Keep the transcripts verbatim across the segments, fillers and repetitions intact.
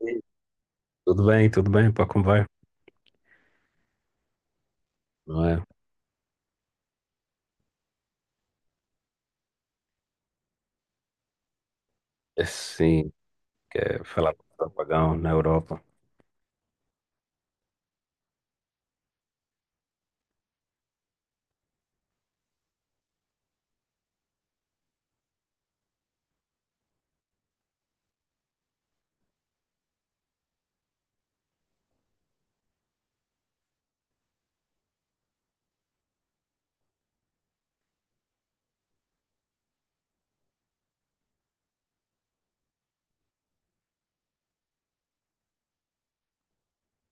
Ei, tudo bem, tudo bem, pá, como vai? Não é? Assim, quer falar com o apagão na Europa.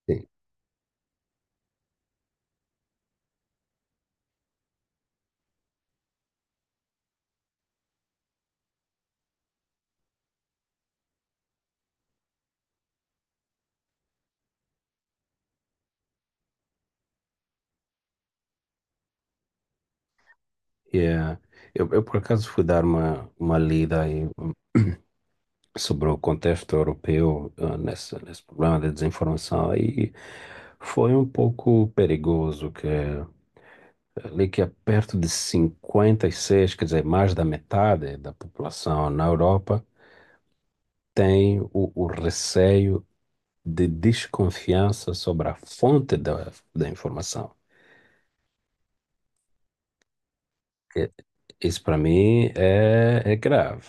Sim. E, eh, eu, eu, por acaso, fui dar uma, uma lida aí sobre o contexto europeu, eh, nessa, nesse problema da desinformação, e foi um pouco perigoso, que eh, ali que é perto de cinquenta e seis, quer dizer, mais da metade da população na Europa tem o, o receio de desconfiança sobre a fonte da, da informação. E- Isso para mim é, é grave.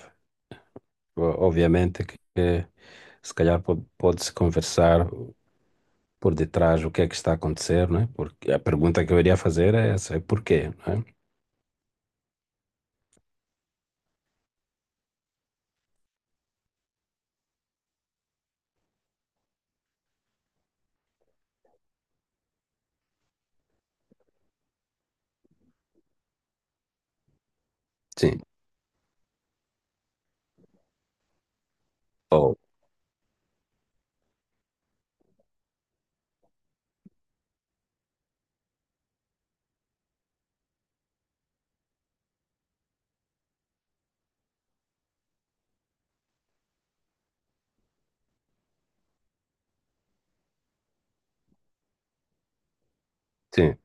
O- Obviamente que que se calhar po- pode-se conversar por detrás o que é que está a acontecer, não é? Porque a pergunta que eu iria fazer é essa, é porquê, não é? Sim. Ou, sim.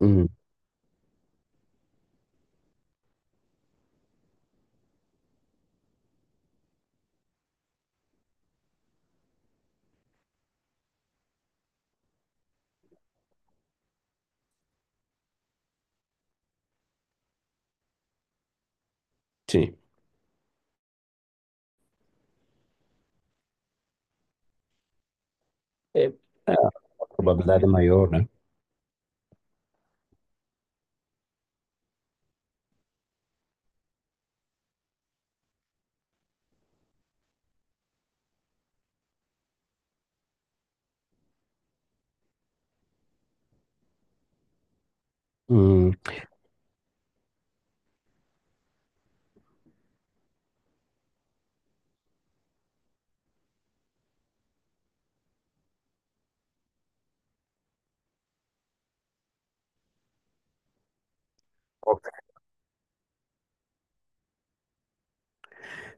Hum, sim. É, a probabilidade é maior, né? Hum. Ok.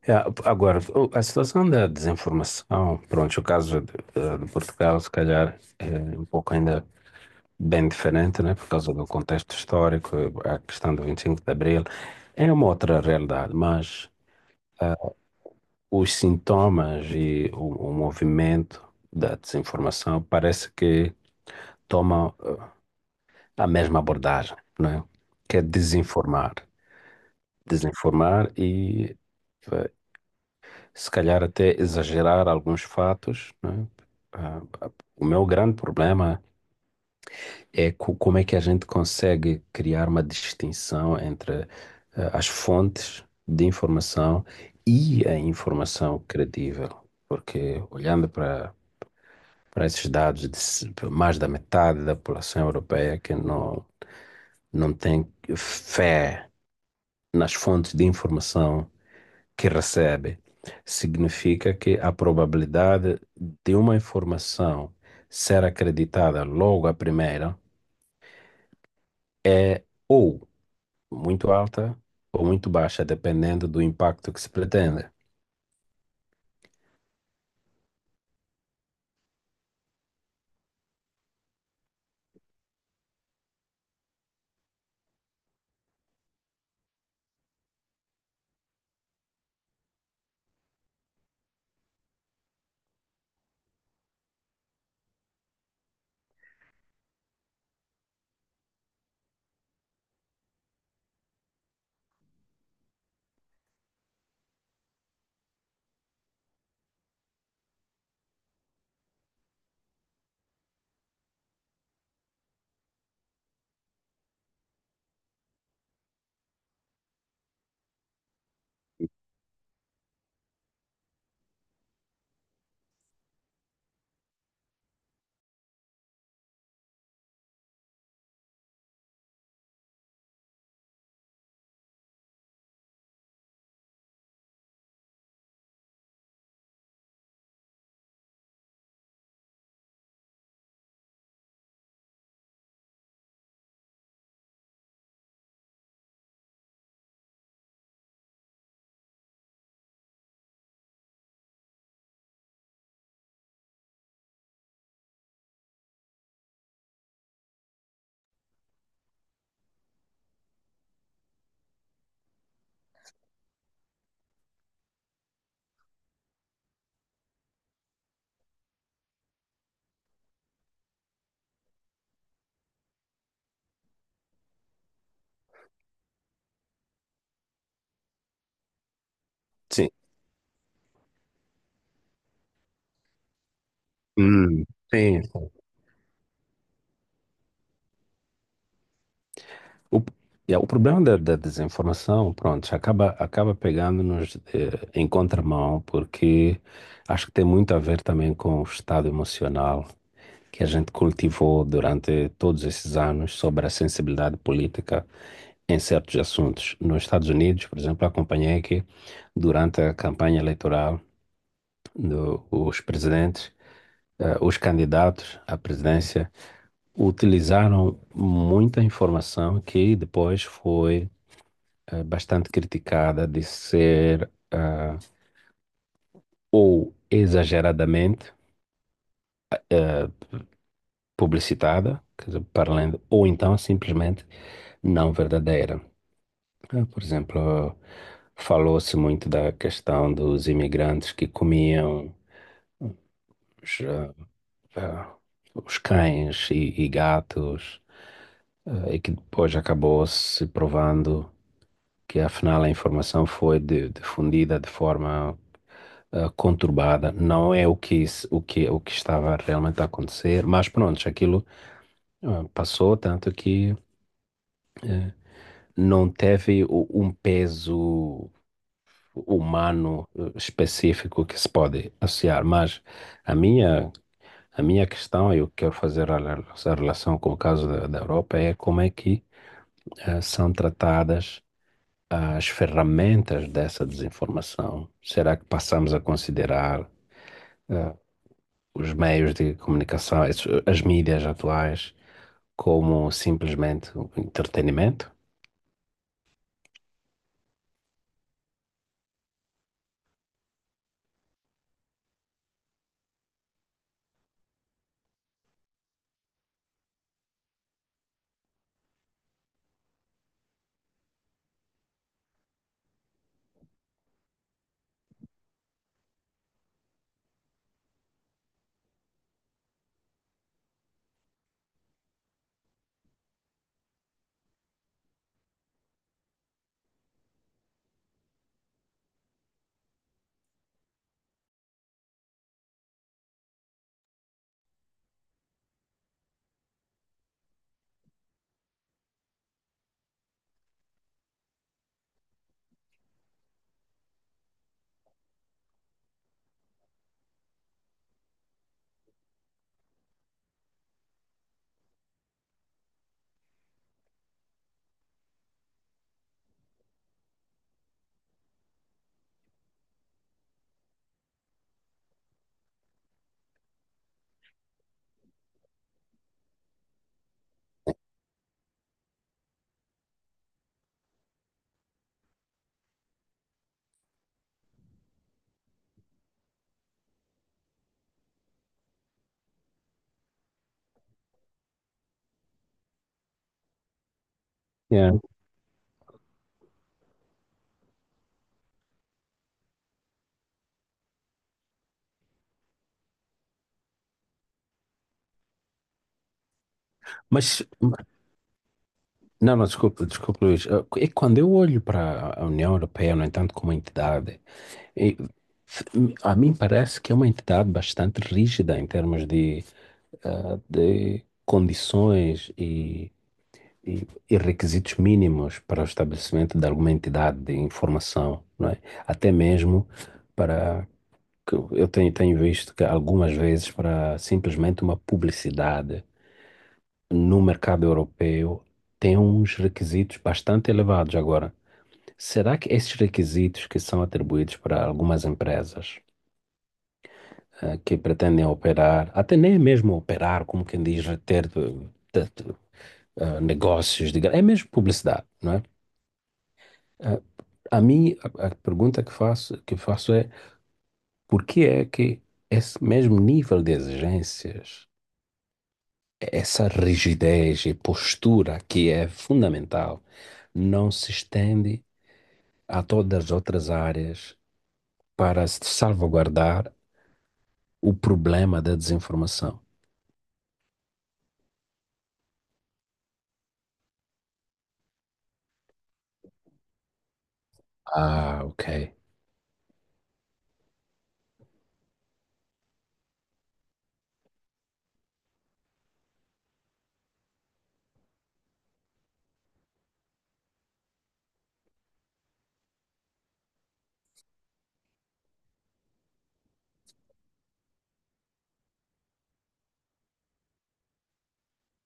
É, agora, o- a situação da desinformação, pronto, o caso de, eh, de Portugal, se calhar, é um pouco ainda bem diferente, né? Por causa do contexto histórico, a questão do vinte e cinco de Abril. É uma outra realidade, mas os sintomas e o, o movimento da desinformação parece que toma eh, a mesma abordagem, né? Que é desinformar. Desinformar e eh, se calhar até exagerar alguns fatos, né? Ah, ah, o meu grande problema é co- como é que a gente consegue criar uma distinção entre eh, as fontes de informação e a informação credível. Porque olhando para para esses dados de se- mais da metade da população europeia que não não tem fé nas fontes de informação que recebe, significa que a probabilidade de uma informação ser acreditada logo à primeira é ou muito alta ou muito baixa, dependendo do impacto que se pretende. Sim. Hum, sim. Sim. O, é, o problema da, da desinformação, pronto, acaba, acaba pegando-nos eh, em contramão, porque acho que tem muito a ver também com o estado emocional que a gente cultivou durante todos esses anos sobre a sensibilidade política em certos assuntos. Nos Estados Unidos, por exemplo, acompanhei que durante a campanha eleitoral, do, os presidentes eh, os candidatos à presidência utilizaram muita informação que depois foi eh, bastante criticada de ser ah, ou exageradamente publicitada, quer dizer, para além, do- ou então simplesmente não verdadeira. Eh, Por exemplo, falou-se muito da questão dos imigrantes que comiam os, ah, ah, os cães e, e gatos, eh, e que depois acabou se provando que afinal a informação foi de- difundida de forma ah, conturbada. Não é o que, se- o que, o que estava realmente a acontecer, mas pronto, aquilo ah, passou, tanto que não teve o- um peso humano eh, específico que se pode associar. Mas a minha, a minha questão, e eu quero fazer a, rela- relação com o caso da, da Europa, é como é que eh, são tratadas as ferramentas dessa desinformação? Será que passamos a considerar os meios de comunicação, as as mídias atuais, como simplesmente um entretenimento? Yeah. Mas, não, não, desculpe, desculpe, Luís. Ah, e quando eu olho para a União Europeia, no entanto, como entidade, e- a mim parece que é uma entidade bastante rígida em termos de, ah, de condições e e, e requisitos mínimos para o estabelecimento de alguma entidade de informação, não é? Até mesmo para que eu tenho, tenho visto que algumas vezes para simplesmente uma publicidade no mercado europeu tem uns requisitos bastante elevados agora. Será que esses requisitos que são atribuídos para algumas empresas eh, que pretendem operar, até nem mesmo operar, como quem diz, ter, ter, ter, eh, negócios, diga- é mesmo publicidade, não é? A mim, a, a pergunta que faço, que faço é por que é que esse mesmo nível de exigências, essa rigidez e postura que é fundamental, não se estende a todas as outras áreas para se salvaguardar o problema da desinformação? Ah, ok.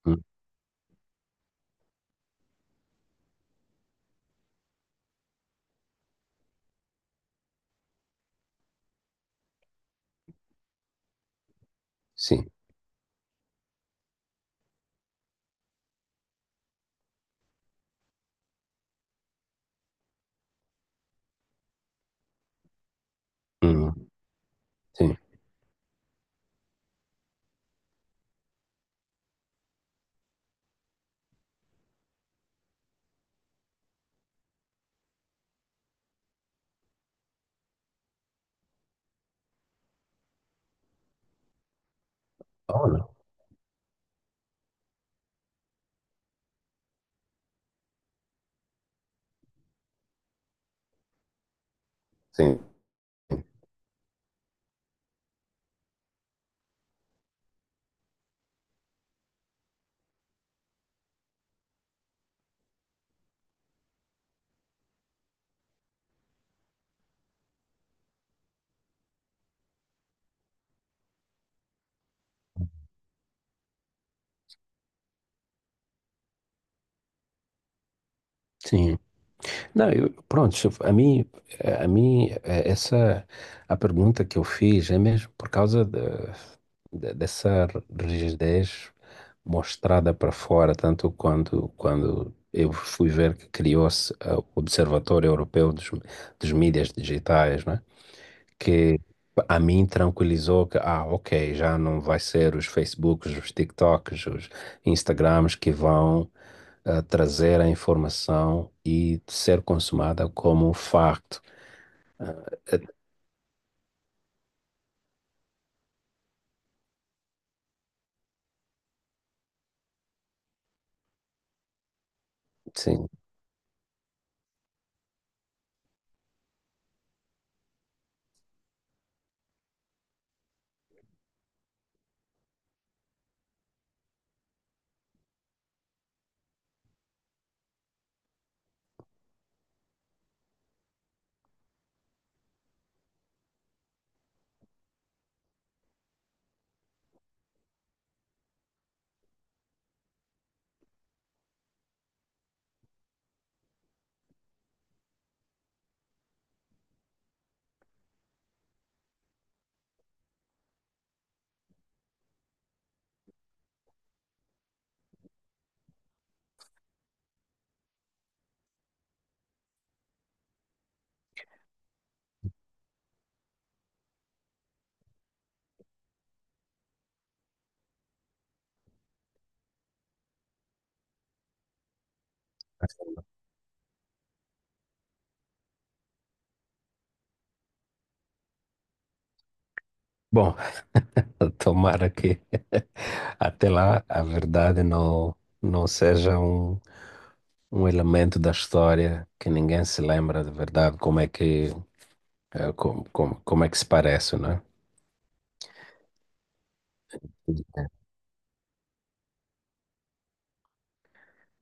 Hum, sim. Hum, sim. Oh, não. Sim. Sim. Não, eu, pronto, se eu- a mim, a mim, eh, essa, a pergunta que eu fiz é mesmo por causa de- de- dessa rigidez mostrada para fora, tanto quando, quando eu fui ver que criou-se eh, o Observatório Europeu dos, dos Mídias Digitais, que a mim tranquilizou que, ah, ok, já não vai ser os Facebooks, os TikToks, os Instagrams que vão ah, trazer a informação e ser consumada como um facto. Eh, sim. Bom, tomara que até lá a verdade não, não seja um, um elemento da história que ninguém se lembra de verdade como é que, eh, como, como, como é que se parece, né?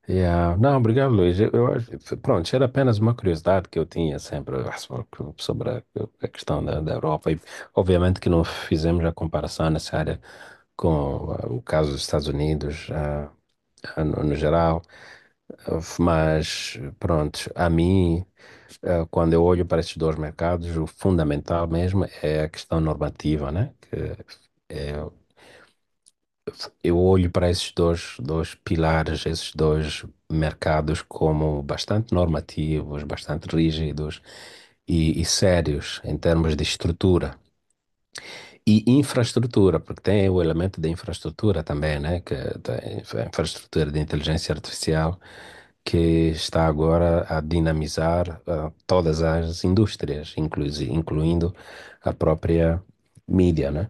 Yeah. Não, obrigado, Luiz. Eu, eu acho- pronto, era apenas uma curiosidade que eu tinha sempre ah, sobre sobre a, a questão da, da Europa. E, obviamente que não fizemos a comparação necessária com ah, o caso dos Estados Unidos, ah, ah, no, no geral. Ah, mas, pronto, a mim, ah, quando eu olho para estes dois mercados, o fundamental mesmo é a questão normativa, né? Eu olho para esses dois, dois pilares, esses dois mercados como bastante normativos, bastante rígidos e, e sérios em termos de estrutura e infraestrutura, porque tem o elemento da infraestrutura também, né? Que tem a infraestrutura de inteligência artificial que está agora a dinamizar ah, todas as indústrias, inclusive, incluindo a própria mídia, né?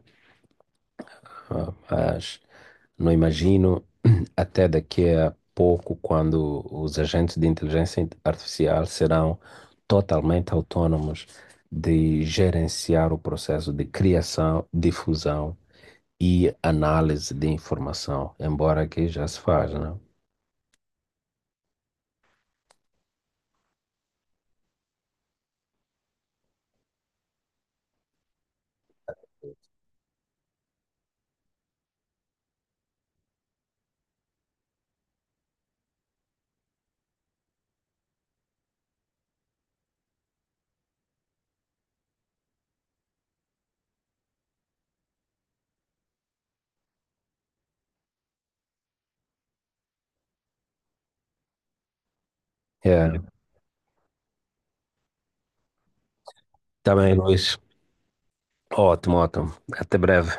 Ah, mas não imagino até daqui a pouco quando os agentes de inteligência artificial serão totalmente autônomos de gerenciar o processo de criação, difusão e análise de informação, embora aqui já se faz, né? É, também, Luís. Ótimo, ótimo. Até breve.